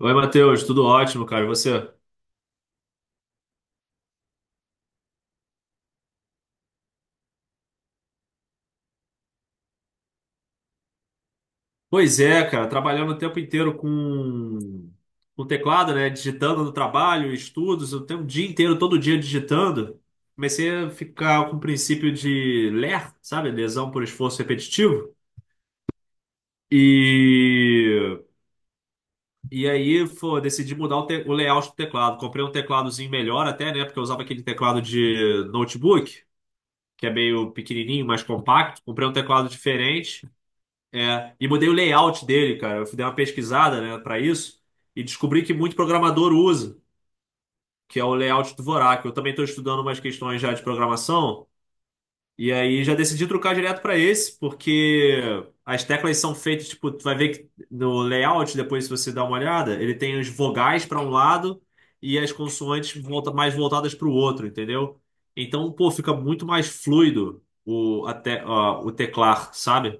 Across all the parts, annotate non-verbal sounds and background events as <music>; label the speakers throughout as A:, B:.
A: Oi, Matheus, tudo ótimo, cara. E você? Pois é, cara, trabalhando o tempo inteiro com teclado, né? Digitando no trabalho, estudos, eu tenho o dia inteiro, todo dia digitando. Comecei a ficar com o princípio de LER, sabe? Lesão por esforço repetitivo. E, e aí, pô, decidi mudar o layout do teclado. Comprei um tecladozinho melhor até, né? Porque eu usava aquele teclado de notebook, que é meio pequenininho, mais compacto. Comprei um teclado diferente. É, e mudei o layout dele, cara. Eu fui dar uma pesquisada, né, para isso, e descobri que muito programador usa, que é o layout do Dvorak. Eu também estou estudando umas questões já de programação, e aí já decidi trocar direto para esse, porque as teclas são feitas, tipo, tu vai ver que, no layout, depois se você dá uma olhada, ele tem os vogais para um lado e as consoantes volta, mais voltadas para o outro, entendeu? Então, pô, fica muito mais fluido o, até, o teclar, sabe?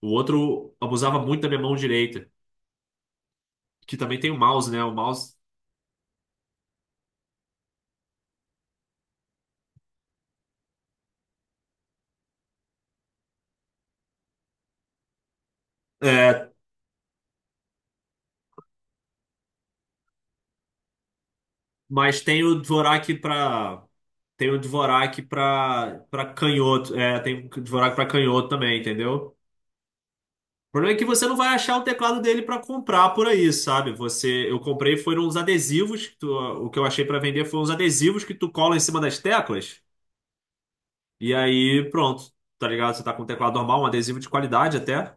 A: O outro abusava muito da minha mão direita, que também tem o mouse, né? O mouse. É, mas tem o Dvorak pra. Tem o Dvorak pra canhoto. É, tem o Dvorak pra canhoto também, entendeu? O problema é que você não vai achar o teclado dele pra comprar por aí, sabe? Você, eu comprei foram uns adesivos, que o que eu achei pra vender foram uns adesivos que tu cola em cima das teclas e aí pronto, tá ligado? Você tá com um teclado normal, um adesivo de qualidade até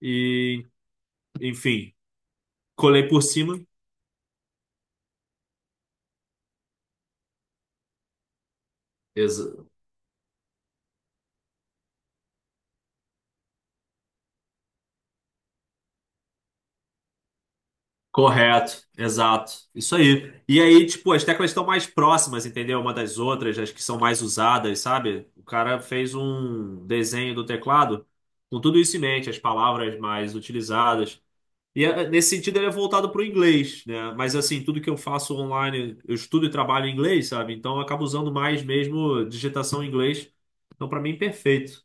A: e enfim, colei por cima. Exa- Correto, exato. Isso aí. E aí, tipo, as teclas estão mais próximas, entendeu? Uma das outras, as que são mais usadas, sabe? O cara fez um desenho do teclado com tudo isso em mente, as palavras mais utilizadas. E nesse sentido ele é voltado para o inglês, né? Mas assim, tudo que eu faço online, eu estudo e trabalho em inglês, sabe? Então eu acabo usando mais mesmo digitação em inglês. Então, para mim, perfeito.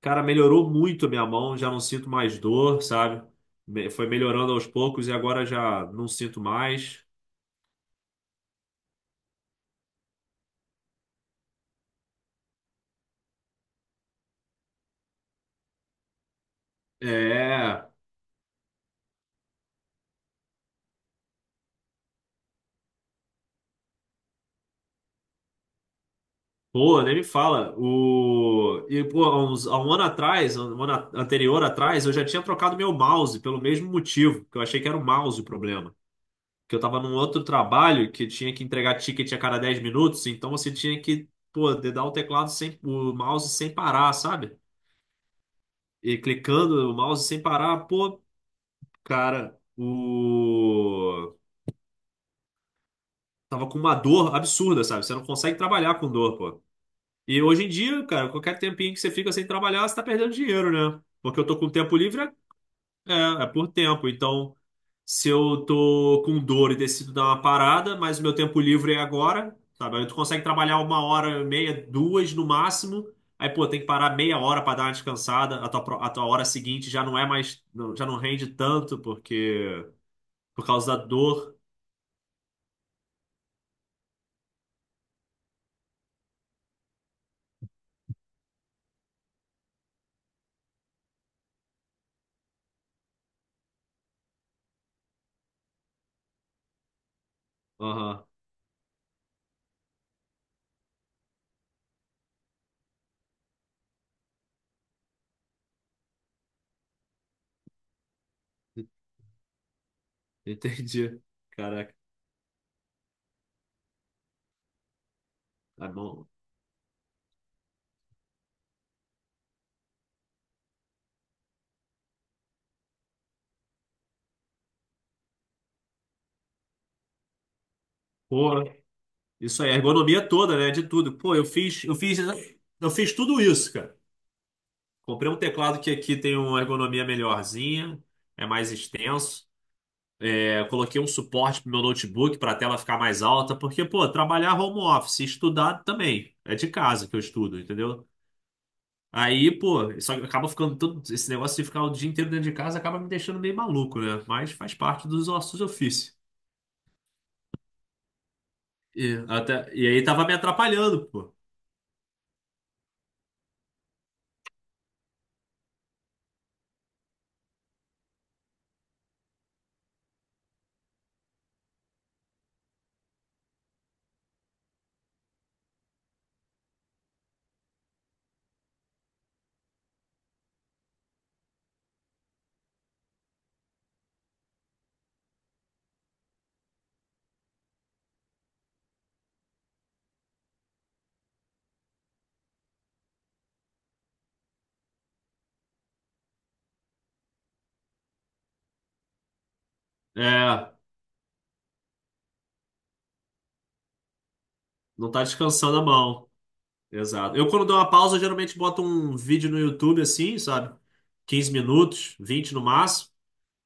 A: Cara, melhorou muito a minha mão, já não sinto mais dor, sabe? Foi melhorando aos poucos e agora já não sinto mais. É, pô, nem me fala. E, pô, há 1 ano atrás, um ano anterior atrás, eu já tinha trocado meu mouse pelo mesmo motivo, que eu achei que era o mouse o problema. Que eu tava num outro trabalho que tinha que entregar ticket a cada 10 minutos, então você tinha que, pô, dedar o teclado sem, o mouse sem parar, sabe? E clicando o mouse sem parar, pô, Cara, o. tava com uma dor absurda, sabe? Você não consegue trabalhar com dor, pô. E hoje em dia, cara, qualquer tempinho que você fica sem trabalhar, você tá perdendo dinheiro, né? Porque eu tô com tempo livre, é, é por tempo. Então, se eu tô com dor e decido dar uma parada, mas o meu tempo livre é agora, sabe? Aí tu consegue trabalhar 1 hora, e meia, duas no máximo. Aí, pô, tem que parar meia hora pra dar uma descansada. A tua, a tua hora seguinte já não é mais. Já não rende tanto, porque. Por causa da dor. Aham. <laughs> Entendi. Caraca, tá bom. Pô, isso aí, a ergonomia toda, né? De tudo. Pô, eu fiz tudo isso, cara. Comprei um teclado que aqui tem uma ergonomia melhorzinha, é mais extenso. É, eu coloquei um suporte pro meu notebook para a tela ficar mais alta, porque, pô, trabalhar home office, estudar também. É de casa que eu estudo, entendeu? Aí, pô, isso acaba ficando, todo esse negócio de ficar o dia inteiro dentro de casa acaba me deixando meio maluco, né? Mas faz parte dos ossos do ofício. E aí tava me atrapalhando, pô. É, não tá descansando a mão. Exato. Eu, quando dou uma pausa, geralmente boto um vídeo no YouTube assim, sabe? 15 minutos, 20 no máximo.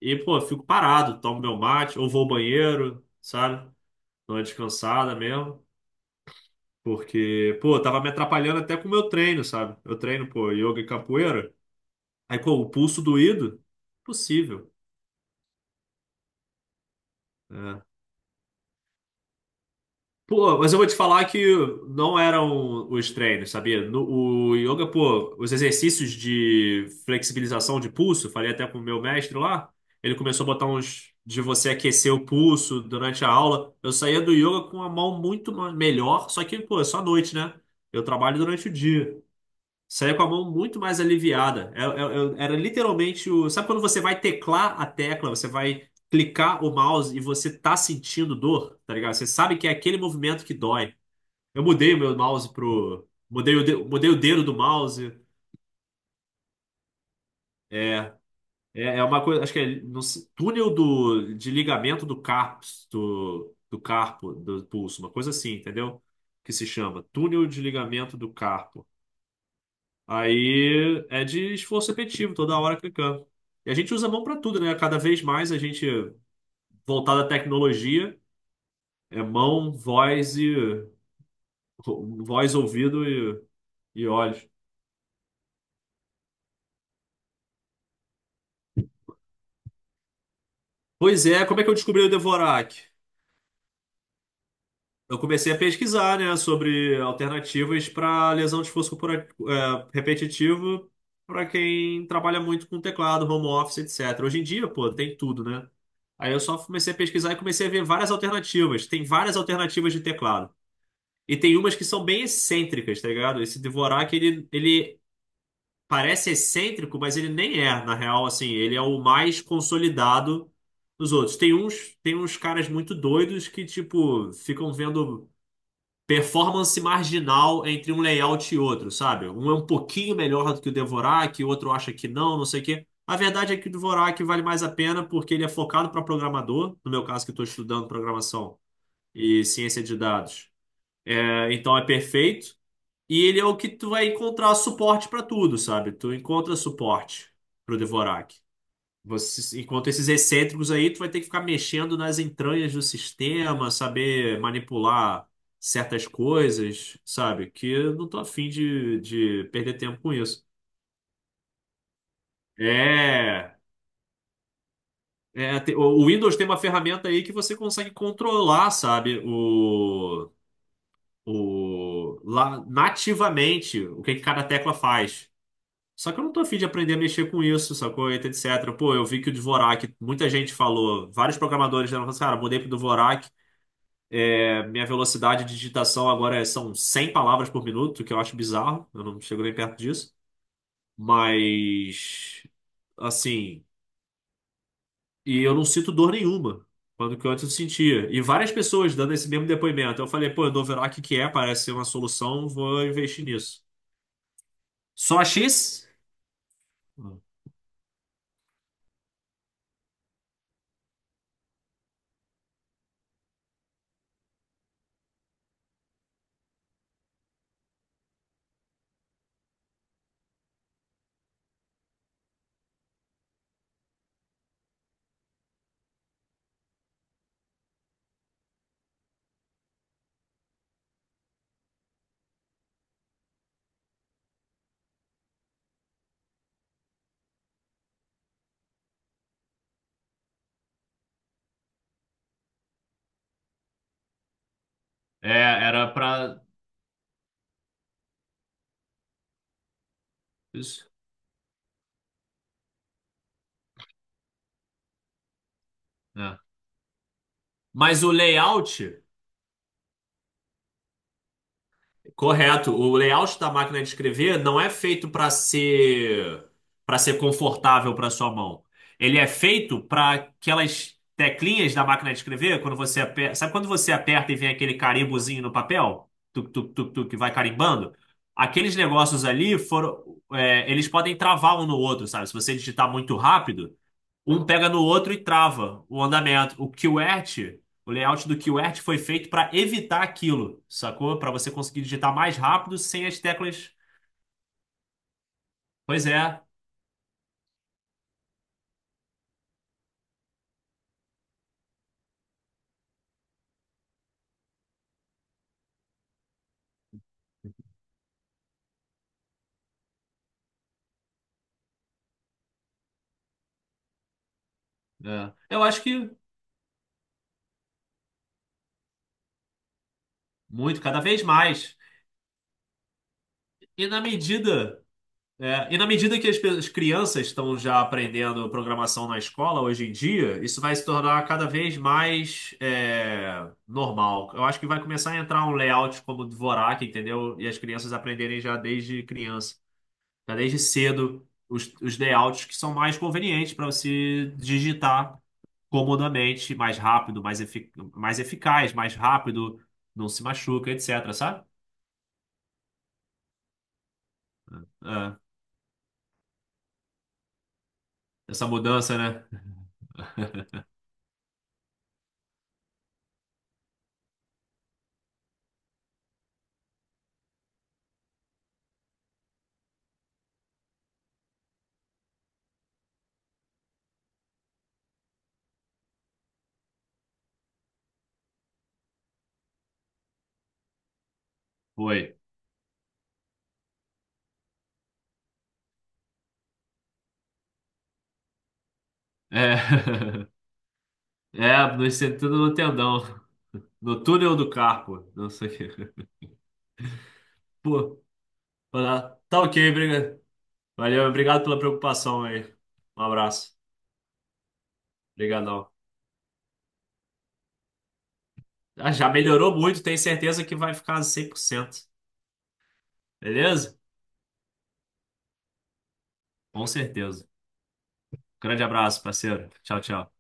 A: E, pô, fico parado, tomo meu mate, ou vou ao banheiro, sabe? Dou uma descansada mesmo. Porque, pô, tava me atrapalhando até com o meu treino, sabe? Eu treino, pô, yoga e capoeira. Aí, pô, o pulso doído, possível. É, pô, mas eu vou te falar que não eram os treinos, sabia? O yoga, pô, os exercícios de flexibilização de pulso, falei até com o meu mestre lá, ele começou a botar uns de você aquecer o pulso durante a aula. Eu saía do yoga com a mão muito melhor, só que, pô, é só à noite, né? Eu trabalho durante o dia. Saiu com a mão muito mais aliviada. Era literalmente o. sabe quando você vai teclar a tecla, você vai clicar o mouse e você tá sentindo dor, tá ligado? Você sabe que é aquele movimento que dói. Eu mudei o meu mouse pro. Mudei o dedo do mouse. É. É uma coisa. Acho que é. Túnel de ligamento do carpo. Do carpo, do pulso, uma coisa assim, entendeu? Que se chama túnel de ligamento do carpo. Aí é de esforço repetitivo, toda hora clicando. E a gente usa a mão para tudo, né? Cada vez mais a gente voltado à tecnologia, é mão, voz, ouvido e olhos. Pois é, como é que eu descobri o Dvorak? Eu comecei a pesquisar, né, sobre alternativas para lesão de esforço repetitivo, para quem trabalha muito com teclado, home office, etc. Hoje em dia, pô, tem tudo, né? Aí eu só comecei a pesquisar e comecei a ver várias alternativas. Tem várias alternativas de teclado. E tem umas que são bem excêntricas, tá ligado? Esse Dvorak, ele parece excêntrico, mas ele nem é, na real, assim. Ele é o mais consolidado dos outros. Tem uns caras muito doidos que, tipo, ficam vendo performance marginal entre um layout e outro, sabe? Um é um pouquinho melhor do que o Dvorak, o outro acha que não, não sei o quê. A verdade é que o Dvorak vale mais a pena porque ele é focado para programador, no meu caso que estou estudando programação e ciência de dados. É, então é perfeito, e ele é o que tu vai encontrar suporte para tudo, sabe? Tu encontra suporte para o Dvorak. Você, enquanto esses excêntricos aí, tu vai ter que ficar mexendo nas entranhas do sistema, saber manipular certas coisas, sabe? Que eu não tô afim de perder tempo com isso. É, o Windows tem uma ferramenta aí que você consegue controlar, sabe? Lá, nativamente, o que que cada tecla faz. Só que eu não tô afim de aprender a mexer com isso, sacou? Etc. Pô, eu vi que o Dvorak, muita gente falou, vários programadores já falaram, assim, cara, mudei pro Dvorak. É, minha velocidade de digitação agora são 100 palavras por minuto, que eu acho bizarro. Eu não chego nem perto disso. Mas, assim, e eu não sinto dor nenhuma, quando que antes eu sentia. E várias pessoas dando esse mesmo depoimento. Eu falei, pô, eu dou Doverac que é, parece ser uma solução, vou investir nisso. Só a X? É, era pra. Isso. Né? Mas o layout. Correto. O layout da máquina de escrever não é feito para ser confortável para sua mão. Ele é feito para aquelas teclinhas da máquina de escrever, quando você aperta, sabe quando você aperta e vem aquele carimbozinho no papel? Tuc, tuc, tuc, tuc, que vai carimbando? Aqueles negócios ali foram, eles podem travar um no outro, sabe? Se você digitar muito rápido, um pega no outro e trava o andamento. O QWERTY, o layout do QWERTY foi feito para evitar aquilo, sacou? Para você conseguir digitar mais rápido sem as teclas. Pois é. Eu acho que muito, cada vez mais. E na medida, e na medida que as crianças estão já aprendendo programação na escola hoje em dia, isso vai se tornar cada vez mais normal. Eu acho que vai começar a entrar um layout como o Dvorak, entendeu? E as crianças aprenderem já desde criança. Já desde cedo, os layouts que são mais convenientes para você digitar comodamente, mais rápido, mais eficaz, mais rápido, não se machuca, etc. Sabe? É, essa mudança, né? <laughs> Foi. É, <laughs> é no sentido do tendão, no túnel do carpo, não sei o quê. Pô, tá ok, obrigado. Valeu, obrigado pela preocupação aí. Um abraço. Obrigadão. Ah, já melhorou muito, tenho certeza que vai ficar 100%. Beleza? Com certeza. Grande abraço, parceiro. Tchau, tchau.